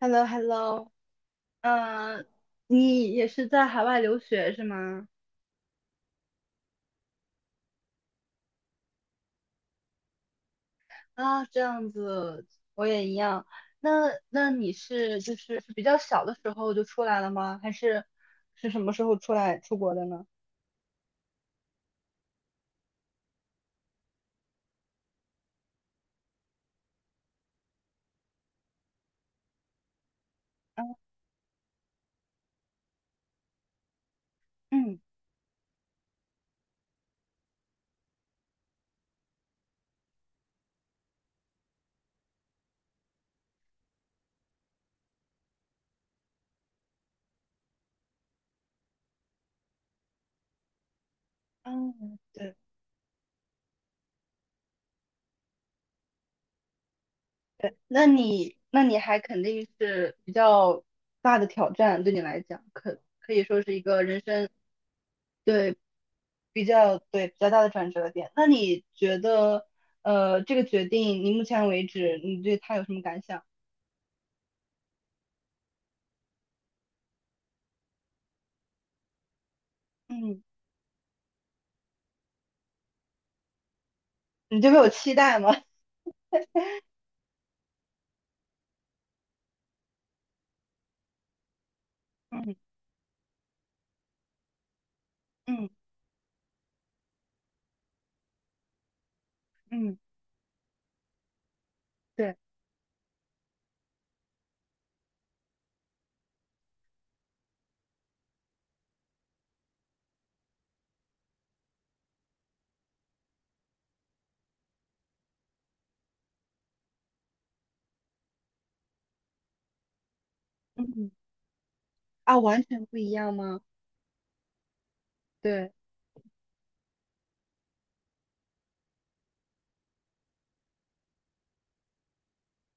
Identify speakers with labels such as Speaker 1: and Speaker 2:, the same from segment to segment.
Speaker 1: h e l l o h e l l o 嗯，你也是在海外留学是吗？啊，这样子，我也一样。那你是就是比较小的时候就出来了吗？还是什么时候出来出国的呢？啊，嗯嗯，对对，那你还肯定是比较大的挑战，对你来讲，可以说是一个人生。对。对，比较大的转折点。那你觉得，这个决定，你目前为止，你对他有什么感想？嗯，你就他有期待吗？嗯嗯嗯，对，嗯啊，完全不一样吗？对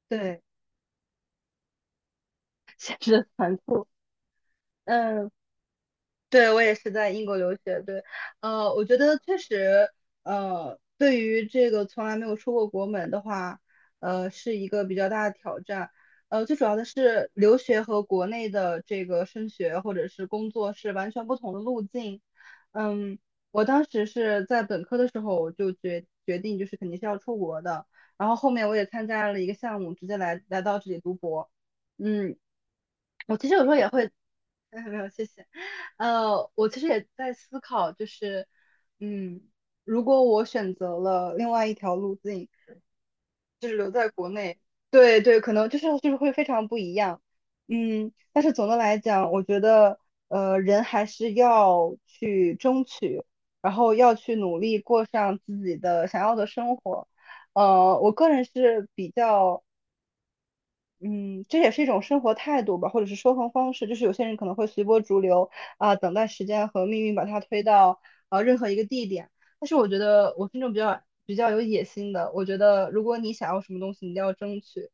Speaker 1: 对，简直很残酷。嗯。对，我也是在英国留学。对，我觉得确实，对于这个从来没有出过国门的话，是一个比较大的挑战。最主要的是留学和国内的这个升学或者是工作是完全不同的路径。嗯，我当时是在本科的时候我就决定就是肯定是要出国的，然后后面我也参加了一个项目，直接来到这里读博。嗯，我其实有时候也会。没有没有，谢谢。我其实也在思考，就是，嗯，如果我选择了另外一条路径，就是留在国内，对对，可能就是会非常不一样。但是总的来讲，我觉得，人还是要去争取，然后要去努力过上自己的想要的生活。我个人是比较嗯，这也是一种生活态度吧，或者是说话方式。就是有些人可能会随波逐流啊、等待时间和命运把它推到任何一个地点。但是我觉得我是那种比较有野心的，我觉得如果你想要什么东西，你一定要争取。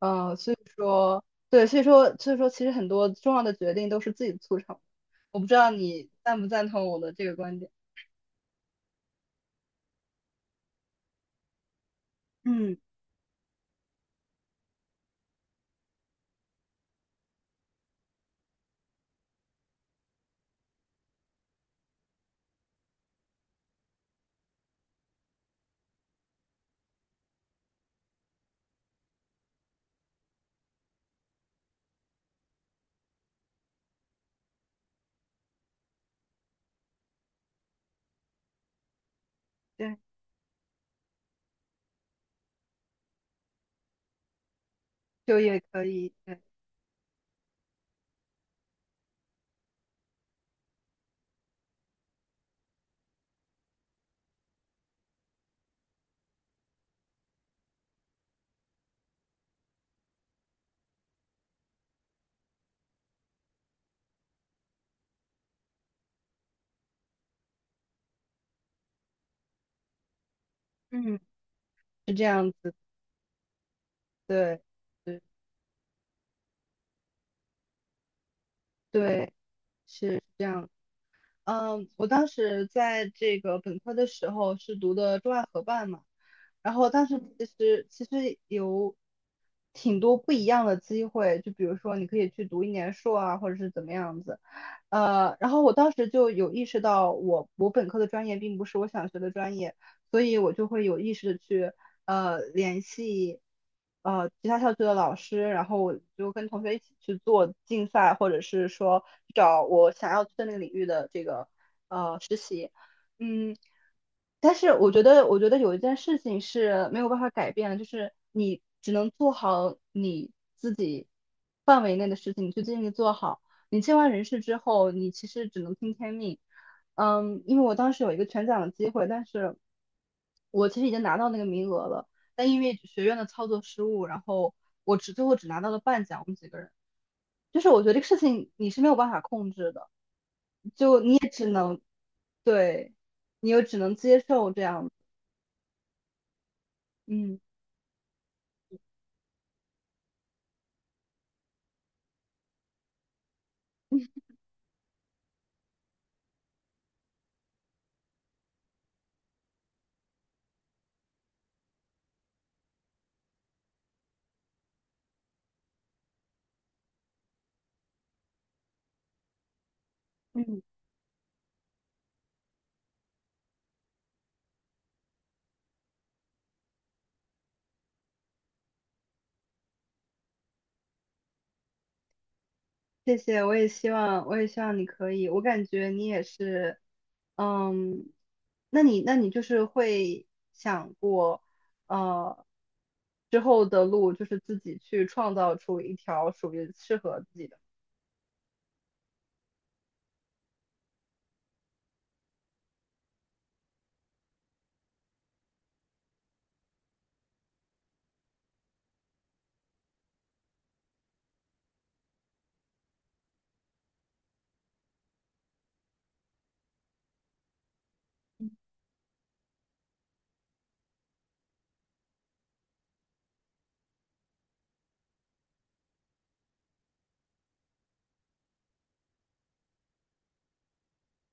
Speaker 1: 所以说，对，所以说，所以说，其实很多重要的决定都是自己促成的。我不知道你赞不赞同我的这个观点。嗯，对，就业可以，对，嗯，是这样子，对，对，对，是这样。我当时在这个本科的时候是读的中外合办嘛，然后当时其实有挺多不一样的机会，就比如说你可以去读一年硕啊，或者是怎么样子。然后我当时就有意识到我本科的专业并不是我想学的专业，所以我就会有意识的去联系其他校区的老师，然后我就跟同学一起去做竞赛，或者是说找我想要去的那个领域的这个实习。嗯，但是我觉得有一件事情是没有办法改变的，就是你只能做好你自己范围内的事情，你去尽力做好。你尽完人事之后，你其实只能听天命。因为我当时有一个全奖的机会，但是我其实已经拿到那个名额了，但因为学院的操作失误，然后我只最后只拿到了半奖，我们几个人。就是我觉得这个事情你是没有办法控制的，对，你又只能接受这样，嗯嗯。谢谢，我也希望你可以。我感觉你也是，嗯，那你就是会想过，呃，之后的路就是自己去创造出一条属于适合自己的。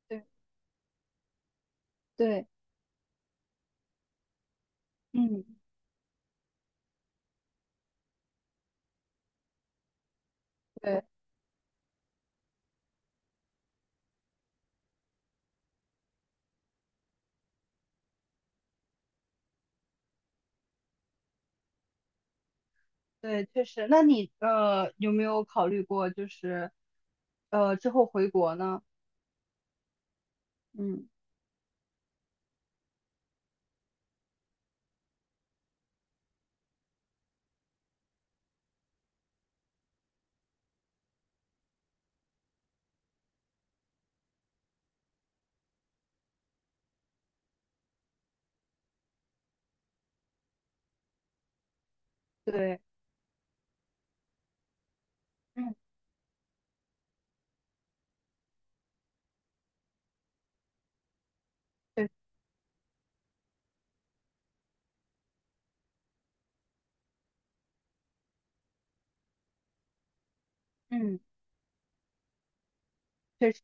Speaker 1: 对对，嗯，对对，确实。那你有没有考虑过，就是之后回国呢？嗯，对，嗯，对，嗯。确实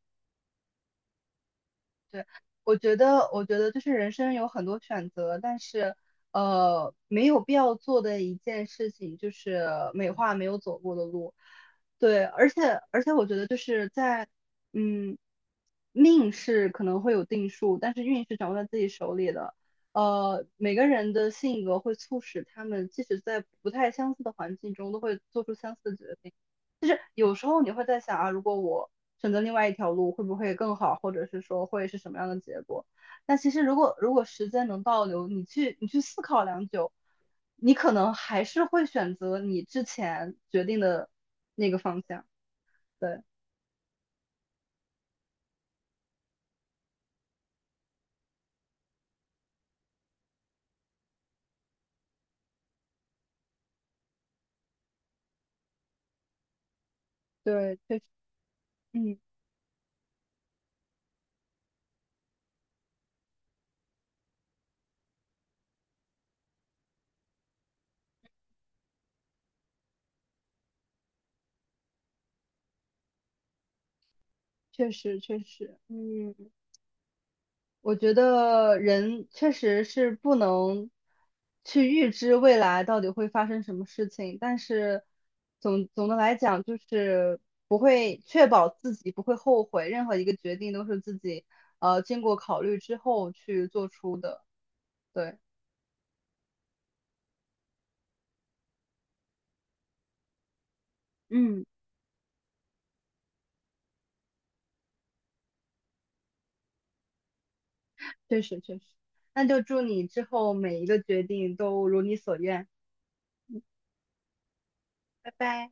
Speaker 1: 对，我觉得就是人生有很多选择，但是，没有必要做的一件事情就是美化没有走过的路。对，而且我觉得就是在，嗯，命是可能会有定数，但是运是掌握在自己手里的。每个人的性格会促使他们，即使在不太相似的环境中，都会做出相似的决定。就是有时候你会在想啊，如果我选择另外一条路，会不会更好，或者是说会是什么样的结果？但其实如果时间能倒流，你去思考良久，你可能还是会选择你之前决定的那个方向。对，对，确实，嗯，确实，确实，嗯。我觉得人确实是不能去预知未来到底会发生什么事情，但是总的来讲，就是不会确保自己不会后悔，任何一个决定都是自己经过考虑之后去做出的。对，嗯，确实确实，那就祝你之后每一个决定都如你所愿，拜拜。